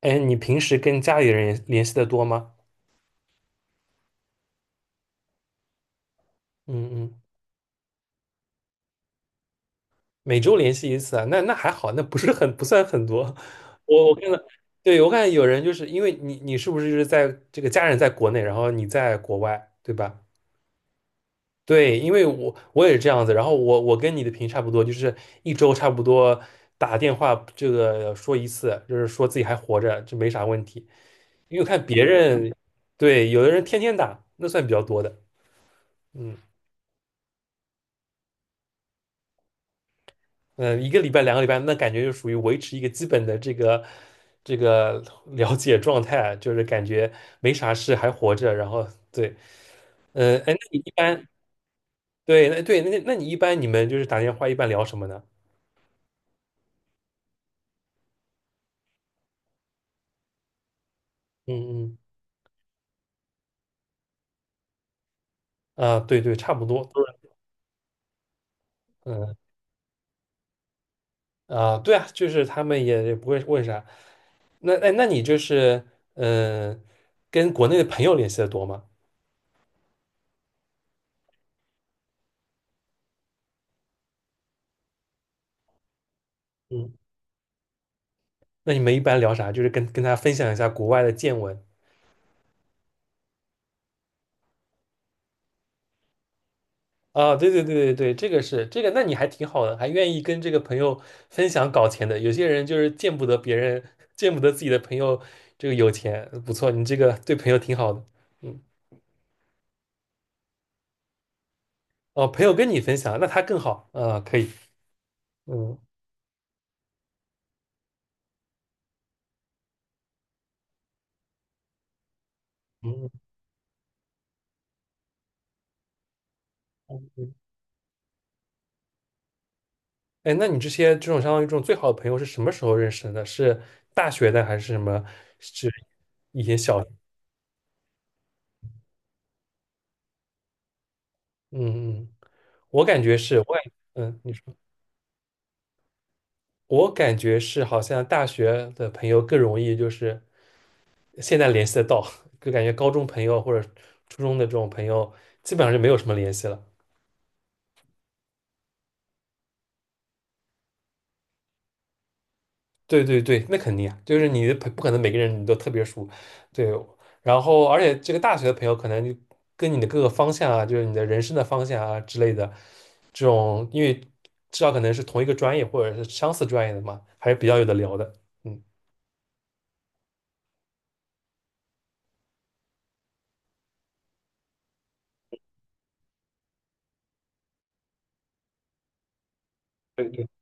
哎，你平时跟家里人联系的多吗？嗯嗯，每周联系一次啊，那还好，那不是不算很多。我看了，对，我看有人就是因为你是不是就是在这个家人在国内，然后你在国外，对吧？对，因为我也是这样子，然后我跟你的差不多，就是一周差不多打电话这个说一次，就是说自己还活着，就没啥问题。因为我看别人，对，有的人天天打，那算比较多的。嗯，嗯，一个礼拜、两个礼拜，那感觉就属于维持一个基本的这个了解状态啊，就是感觉没啥事还活着。然后对，嗯，哎，那你一般对，那对，那你一般你们就是打电话一般聊什么呢？嗯嗯，啊，对对，差不多都是，嗯啊，对啊，就是他们也不会问啥。那哎，那你就是嗯，跟国内的朋友联系的多吗？嗯，那你们一般聊啥？就是跟他分享一下国外的见闻。啊，对对对对对，这个是这个，那你还挺好的，还愿意跟这个朋友分享搞钱的。有些人就是见不得别人，见不得自己的朋友这个有钱，不错，你这个对朋友挺好的。嗯，哦，朋友跟你分享，那他更好啊，可以。嗯嗯，嗯哎，那你这些这种相当于这种最好的朋友是什么时候认识的？是大学的还是什么？是以前？嗯嗯，我感觉是，我感嗯，你说，我感觉是好像大学的朋友更容易就是。现在联系得到，就感觉高中朋友或者初中的这种朋友，基本上就没有什么联系了。对对对，那肯定啊，就是你的不可能每个人你都特别熟，对。然后，而且这个大学的朋友可能就跟你的各个方向啊，就是你的人生的方向啊之类的，这种因为至少可能是同一个专业或者是相似专业的嘛，还是比较有的聊的。嗯，对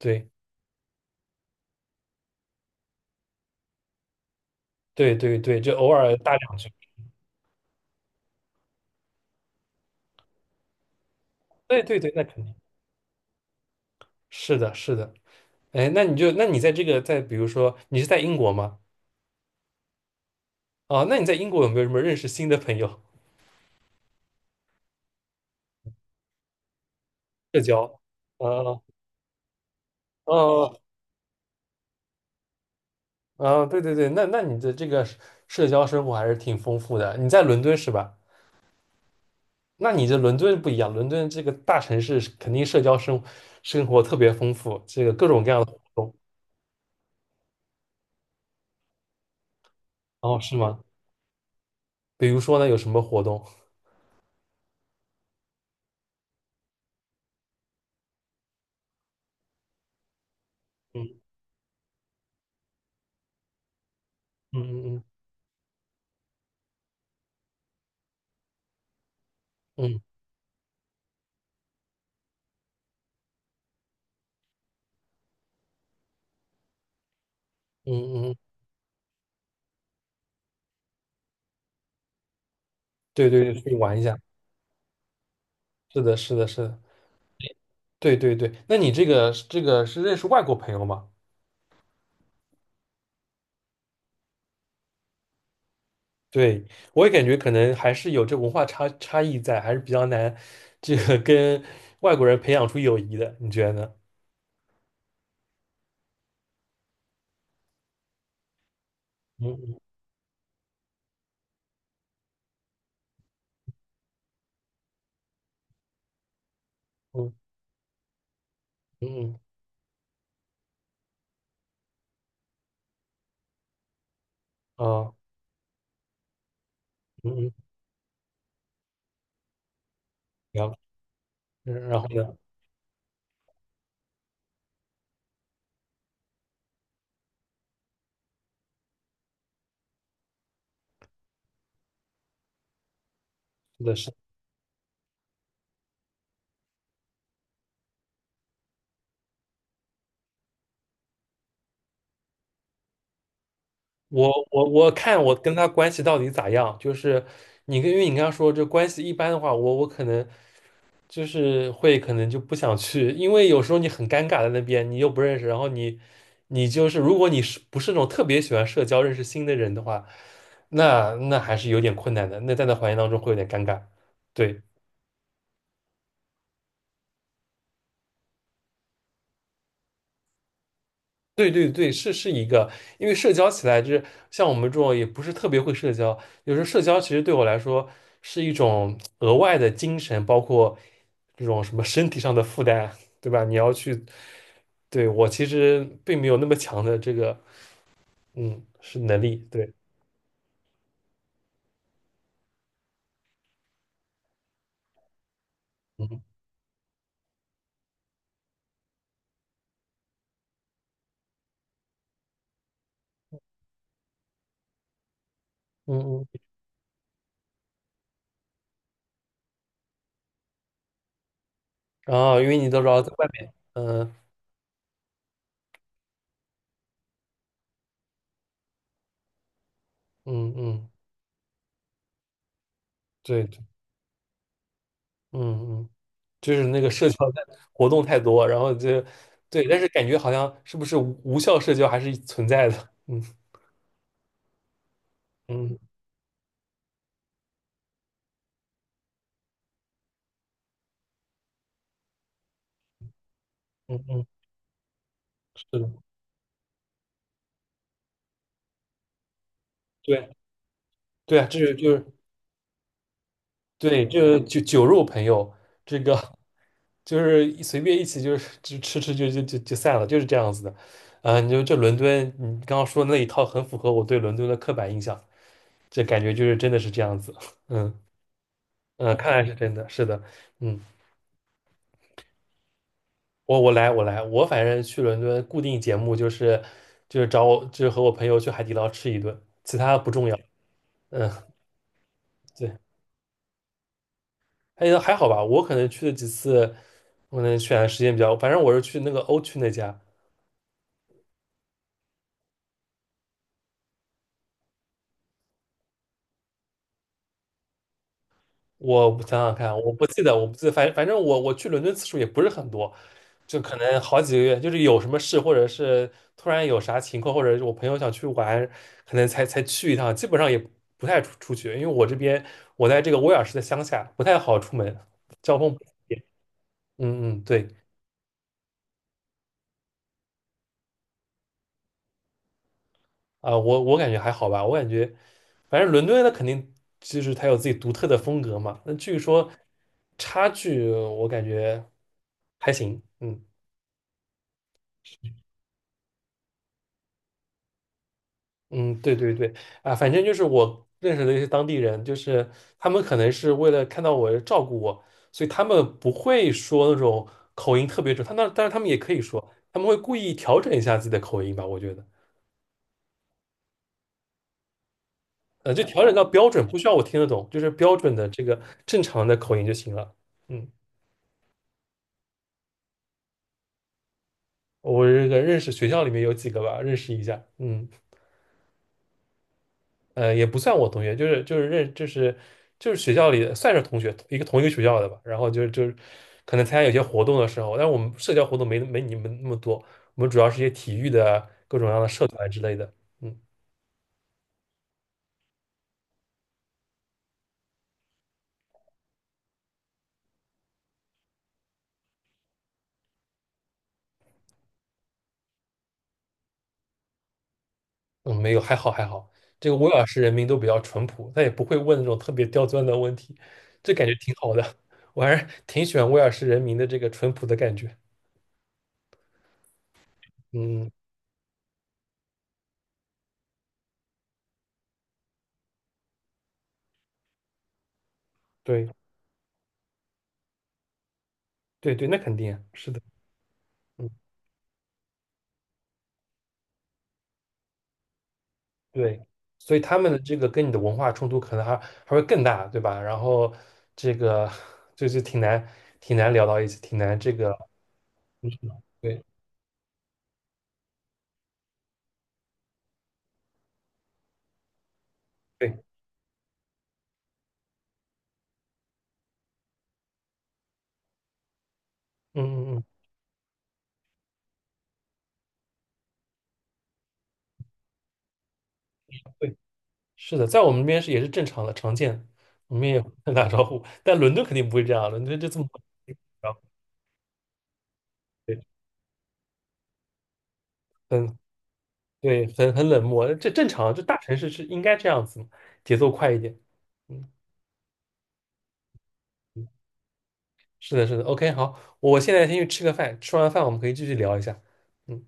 对对对对对，就偶尔搭两句。对对对，那肯定是的，是的。哎，那你在这个在比如说你是在英国吗？啊，那你在英国有没有什么认识新的朋友社交？啊啊啊！对对对，那你的这个社交生活还是挺丰富的。你在伦敦是吧？那你这伦敦不一样，伦敦这个大城市是肯定社交生活特别丰富，这个各种各样的活动。哦，是吗？比如说呢，有什么活动？嗯嗯嗯嗯嗯嗯嗯，对对对，去玩一下。是的，是的，是的。对对对，那你这个是认识外国朋友吗？对，我也感觉可能还是有这文化差异在，还是比较难，这个跟外国人培养出友谊的，你觉得呢？嗯嗯嗯嗯嗯啊嗯嗯，然后呢？是的是的，我看我跟他关系到底咋样？就是你跟因为你刚刚说这关系一般的话，我可能。就是会可能就不想去，因为有时候你很尴尬在那边，你又不认识，然后你就是如果你是不是那种特别喜欢社交、认识新的人的话，那还是有点困难的，那在那环境当中会有点尴尬。对对对对，是一个，因为社交起来就是像我们这种也不是特别会社交，有时候社交其实对我来说是一种额外的精神，包括这种什么身体上的负担啊，对吧？你要去，对，我其实并没有那么强的这个。嗯，是能力，对，嗯嗯嗯，然后因为你都知道在外面，嗯嗯嗯，对对，嗯嗯，就是那个社交的活动太多，然后就对，但是感觉好像是不是无效社交还是存在的，嗯嗯嗯嗯，嗯是的，对对啊，这是就是对，就个酒肉朋友，这个就是随便一起就是就吃吃就散了，就是这样子的。啊、你就这伦敦，你刚刚说的那一套很符合我对伦敦的刻板印象，这感觉就是真的是这样子。嗯嗯，看来是真的，是的。嗯，我来，我反正去伦敦固定节目就是找我就是和我朋友去海底捞吃一顿，其他不重要。嗯，对，还好吧，我可能去了几次，我可能选的时间比较，反正我是去那个欧区那家。我想想看，我不记得，我不记得，反正我去伦敦次数也不是很多，就可能好几个月，就是有什么事，或者是突然有啥情况，或者是我朋友想去玩，可能才去一趟，基本上也不太出去，因为我这边我在这个威尔士的乡下，不太好出门，交通不方便。嗯嗯，对啊，我感觉还好吧，我感觉反正伦敦它肯定就是它有自己独特的风格嘛，那据说差距我感觉还行，嗯。嗯，对对对，啊，反正就是我认识的一些当地人，就是他们可能是为了看到我照顾我，所以他们不会说那种口音特别重，但是他们也可以说，他们会故意调整一下自己的口音吧，我觉得，就调整到标准，不需要我听得懂，就是标准的这个正常的口音就行了。嗯，我这个认识学校里面有几个吧，认识一下。嗯。也不算我同学，就是学校里的算是同学，同一个学校的吧。然后就是可能参加有些活动的时候，但是我们社交活动没你们那么多，我们主要是一些体育的各种各样的社团之类的。嗯嗯，没有，还好还好。这个威尔士人民都比较淳朴，他也不会问那种特别刁钻的问题，这感觉挺好的。我还是挺喜欢威尔士人民的这个淳朴的感觉。嗯，对对对，那肯定啊是的。嗯。对，所以他们的这个跟你的文化冲突可能还会更大，对吧？然后这个 就是挺难聊到一起，挺难这个，对对，嗯嗯嗯，对，是的，在我们那边是也是正常的，常见，我们也会打招呼 但伦敦肯定不会这样，伦敦就这么，然后对，很对，很冷漠，这正常，这大城市是应该这样子，节奏快一点，嗯，嗯是的，是的，OK，好，我现在先去吃个饭，吃完饭我们可以继续聊一下，嗯。